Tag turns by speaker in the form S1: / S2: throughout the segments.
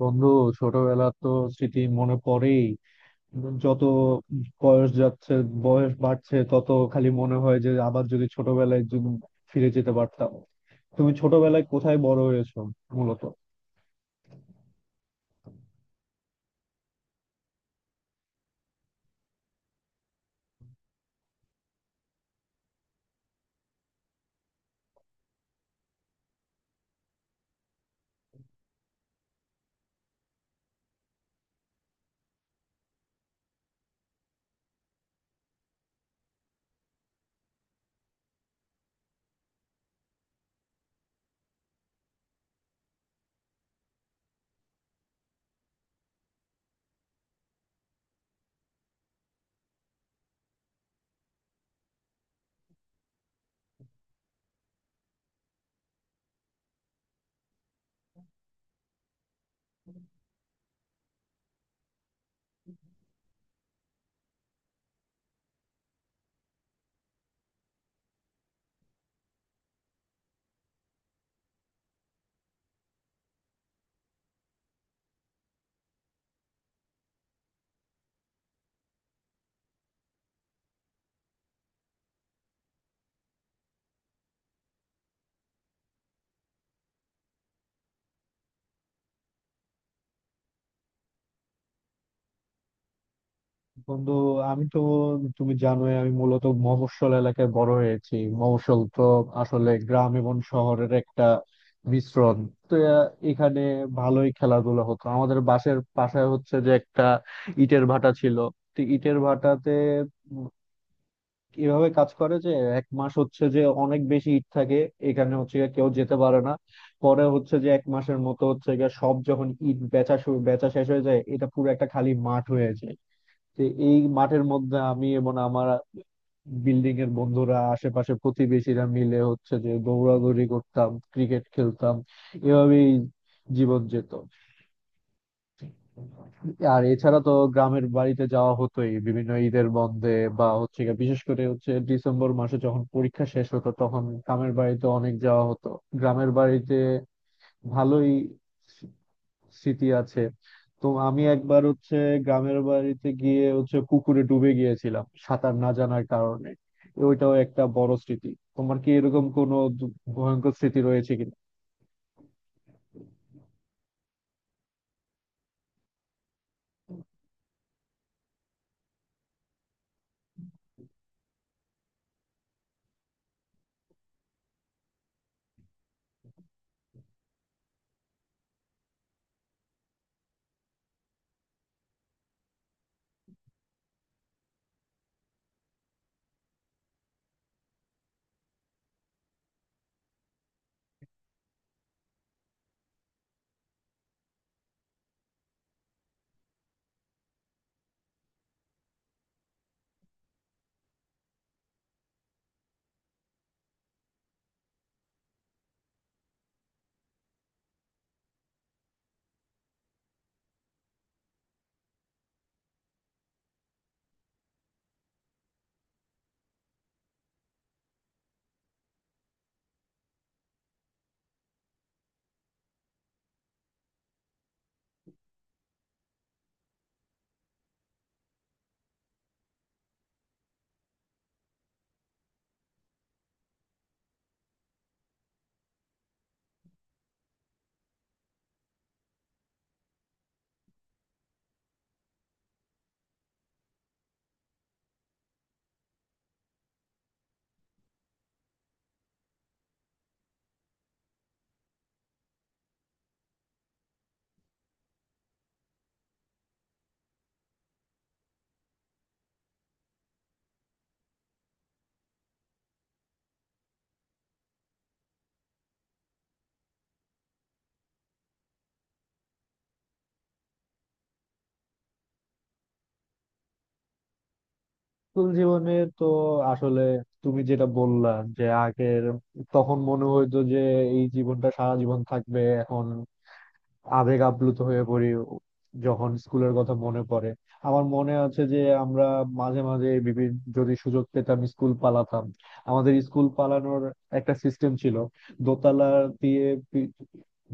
S1: বন্ধু, ছোটবেলার তো স্মৃতি মনে পড়েই। যত বয়স যাচ্ছে, বয়স বাড়ছে, তত খালি মনে হয় যে আবার যদি ছোটবেলায় যদি ফিরে যেতে পারতাম। তুমি ছোটবেলায় কোথায় বড় হয়েছো মূলত? বন্ধু, আমি তো, তুমি জানোই আমি মূলত মফস্বল এলাকায় বড় হয়েছি। মফস্বল তো আসলে গ্রাম এবং শহরের একটা মিশ্রণ। তো এখানে ভালোই খেলাধুলা হতো। আমাদের বাসের পাশে হচ্ছে যে একটা ইটের ভাটা ছিল। তো ইটের ভাটাতে এভাবে কাজ করে যে এক মাস হচ্ছে যে অনেক বেশি ইট থাকে, এখানে হচ্ছে গিয়ে কেউ যেতে পারে না। পরে হচ্ছে যে এক মাসের মতো হচ্ছে গিয়ে সব যখন ইট বেচা শুরু বেচা শেষ হয়ে যায়, এটা পুরো একটা খালি মাঠ হয়ে যায়। তো এই মাঠের মধ্যে আমি এবং আমার বিল্ডিং এর বন্ধুরা, আশেপাশে প্রতিবেশীরা মিলে হচ্ছে যে দৌড়াদৌড়ি করতাম, ক্রিকেট খেলতাম। এভাবেই জীবন যেত। আর এছাড়া তো গ্রামের বাড়িতে যাওয়া হতোই বিভিন্ন ঈদের বন্ধে, বা হচ্ছে গিয়ে বিশেষ করে হচ্ছে ডিসেম্বর মাসে যখন পরীক্ষা শেষ হতো তখন গ্রামের বাড়িতে অনেক যাওয়া হতো। গ্রামের বাড়িতে ভালোই স্মৃ- স্মৃতি আছে। তো আমি একবার হচ্ছে গ্রামের বাড়িতে গিয়ে হচ্ছে পুকুরে ডুবে গিয়েছিলাম সাঁতার না জানার কারণে। ওইটাও একটা বড় স্মৃতি। তোমার কি এরকম কোনো ভয়ঙ্কর স্মৃতি রয়েছে কি? স্কুল জীবনে তো আসলে তুমি যেটা বললা যে আগের, তখন মনে হইতো যে এই জীবনটা সারা জীবন থাকবে। এখন আবেগ আপ্লুত হয়ে পড়ি যখন স্কুলের কথা মনে পড়ে। আমার মনে আছে যে আমরা মাঝে মাঝে বিভিন্ন যদি সুযোগ পেতাম, স্কুল পালাতাম। আমাদের স্কুল পালানোর একটা সিস্টেম ছিল। দোতলা দিয়ে পি-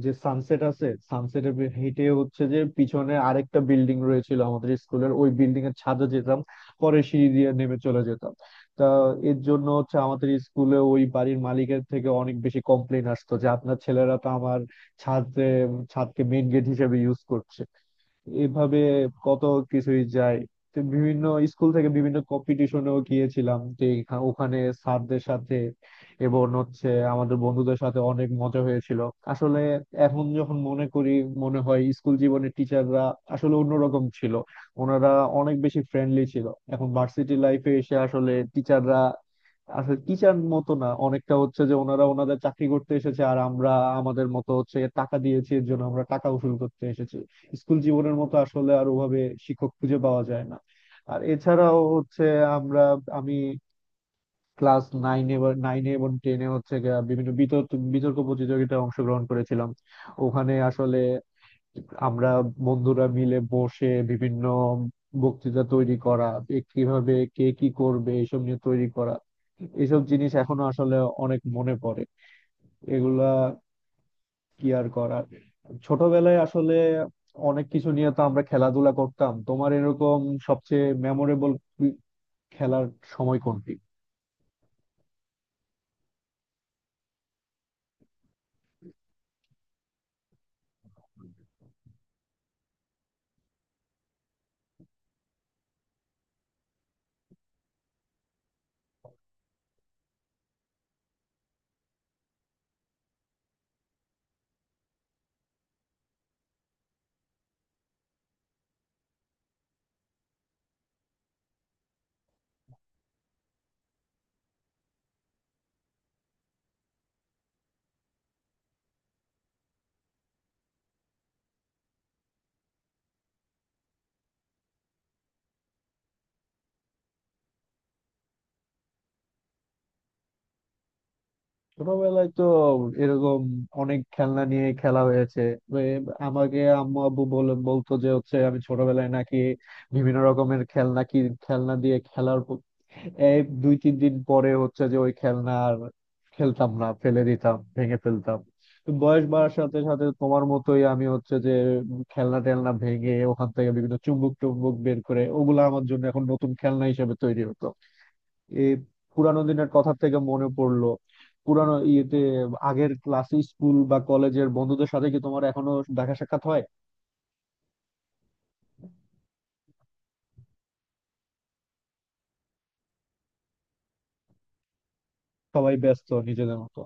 S1: যে সানসেট আছে, সানসেটের হেঁটে হচ্ছে যে পিছনে আরেকটা বিল্ডিং রয়েছিল আমাদের স্কুলের, ওই বিল্ডিং এর ছাদে যেতাম। পরে সিঁড়ি দিয়ে নেমে চলে যেতাম। তা এর জন্য হচ্ছে আমাদের স্কুলে ওই বাড়ির মালিকের থেকে অনেক বেশি কমপ্লেন আসতো যে আপনার ছেলেরা তো আমার ছাদ ছাদকে মেইন গেট হিসেবে ইউজ করছে। এভাবে কত কিছুই যায়। তো বিভিন্ন স্কুল থেকে বিভিন্ন কম্পিটিশনেও গিয়েছিলাম। তো ওখানে স্যারদের সাথে এবং হচ্ছে আমাদের বন্ধুদের সাথে অনেক মজা হয়েছিল। আসলে এখন যখন মনে করি, মনে হয় স্কুল জীবনের টিচাররা আসলে অন্যরকম ছিল। ওনারা অনেক বেশি ফ্রেন্ডলি ছিল। এখন ভার্সিটি লাইফে এসে আসলে টিচাররা আসলে টিচার মতো না, অনেকটা হচ্ছে যে ওনারা ওনাদের চাকরি করতে এসেছে, আর আমরা আমাদের মতো হচ্ছে টাকা দিয়েছি এর জন্য আমরা টাকা উসুল করতে এসেছি। স্কুল জীবনের মতো আসলে আর ওভাবে শিক্ষক খুঁজে পাওয়া যায় না। আর এছাড়াও হচ্ছে আমরা, আমি ক্লাস নাইনে বা নাইনে এবং টেনে হচ্ছে গিয়া বিভিন্ন বিতর্ক বিতর্ক প্রতিযোগিতায় অংশগ্রহণ করেছিলাম। ওখানে আসলে আমরা বন্ধুরা মিলে বসে বিভিন্ন বক্তৃতা তৈরি করা, এ কিভাবে কে কি করবে এসব নিয়ে তৈরি করা, এসব জিনিস এখনো আসলে অনেক মনে পড়ে। এগুলা কি আর করার। ছোটবেলায় আসলে অনেক কিছু নিয়ে তো আমরা খেলাধুলা করতাম। তোমার এরকম সবচেয়ে মেমোরেবল খেলার সময় কোনটি? ছোটবেলায় তো এরকম অনেক খেলনা নিয়ে খেলা হয়েছে। এ- আমাকে আম্মু আব্বু বলে বলতো যে হচ্ছে আমি ছোটবেলায় নাকি বিভিন্ন রকমের খেলনা কি, খেলনা দিয়ে খেলার এই দুই তিন দিন পরে হচ্ছে যে ওই খেলনা আর খেলতাম না, ফেলে দিতাম, ভেঙে ফেলতাম। তো বয়স বাড়ার সাথে সাথে তোমার মতোই আমি হচ্ছে যে খেলনা টেলনা ভেঙে ওখান থেকে বিভিন্ন চুম্বক টুম্বক বের করে ওগুলো আমার জন্য এখন নতুন খেলনা হিসেবে তৈরি হতো। এই পুরানো দিনের কথা থেকে মনে পড়লো, পুরানো ইয়েতে আগের ক্লাস, স্কুল বা কলেজের বন্ধুদের সাথে কি তোমার এখনো দেখা সাক্ষাৎ হয়? সবাই ব্যস্ত নিজেদের মতো।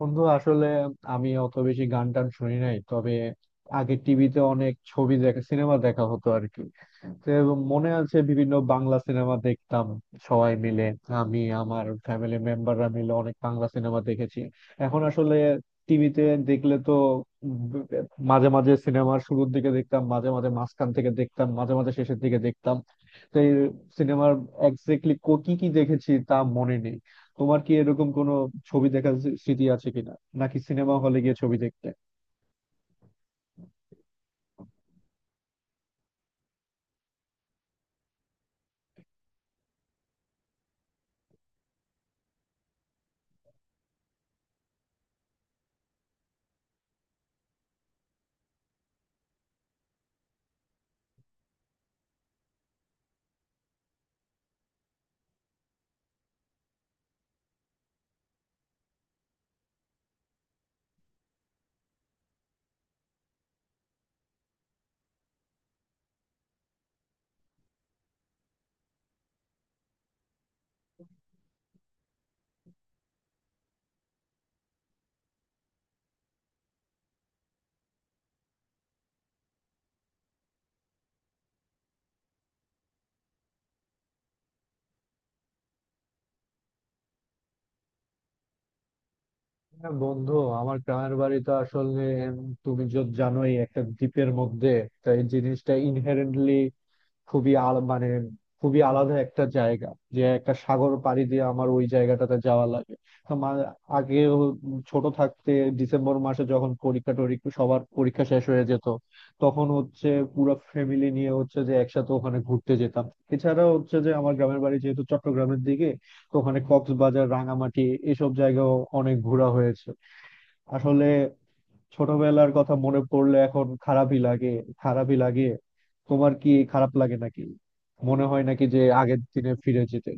S1: বন্ধু আসলে আমি অত বেশি গান টান শুনি নাই, তবে আগে টিভিতে অনেক ছবি দেখা, সিনেমা দেখা হতো আর কি। তো মনে আছে বিভিন্ন বাংলা সিনেমা দেখতাম সবাই মিলে। আমি আমার ফ্যামিলি মেম্বাররা মিলে অনেক বাংলা সিনেমা দেখেছি। এখন আসলে টিভিতে দেখলে তো ব- মাঝে মাঝে সিনেমার শুরুর দিকে দেখতাম, মাঝে মাঝে মাঝখান থেকে দেখতাম, মাঝে মাঝে শেষের দিকে দেখতাম। তো এই সিনেমার এক্স্যাক্টলি কি কি দেখেছি তা মনে নেই। তোমার কি এরকম কোনো ছবি দেখার স্মৃতি আছে কিনা, নাকি সিনেমা হলে গিয়ে ছবি দেখতে? না বন্ধু, আমার গ্রামের বাড়ি তো আসলে উম, তুমি যদি জানোই, একটা দ্বীপের মধ্যে। তাই জিনিসটা ইনহেরেন্টলি খুবই আল মানে খুবই আলাদা একটা জায়গা, যে একটা সাগর পাড়ি দিয়ে আমার ওই জায়গাটাতে যাওয়া লাগে। তো আগে হ- ছোট থাকতে ডিসেম্বর মাসে যখন পরীক্ষা টরীক্ষা, সবার পরীক্ষা শেষ হয়ে যেত, তখন হচ্ছে পুরো ফ্যামিলি নিয়ে হচ্ছে যে একসাথে ওখানে ঘুরতে যেতাম। এছাড়া হচ্ছে যে আমার গ্রামের বাড়ি যেহেতু চট্টগ্রামের দিকে, তো ওখানে কক্সবাজার, রাঙামাটি এসব জায়গাও অনেক ঘোরা হয়েছে। আসলে ছোটবেলার কথা মনে পড়লে এখন খারাপই লাগে। খারাপই লাগে। তোমার কি খারাপ লাগে নাকি? মনে হয় নাকি যে আগের দিনে ফিরে যেতে?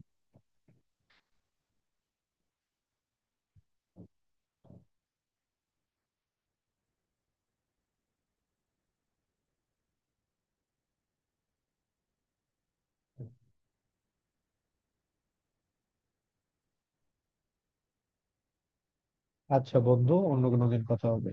S1: আচ্ছা বন্ধু, অন্য কোনো দিন কথা হবে।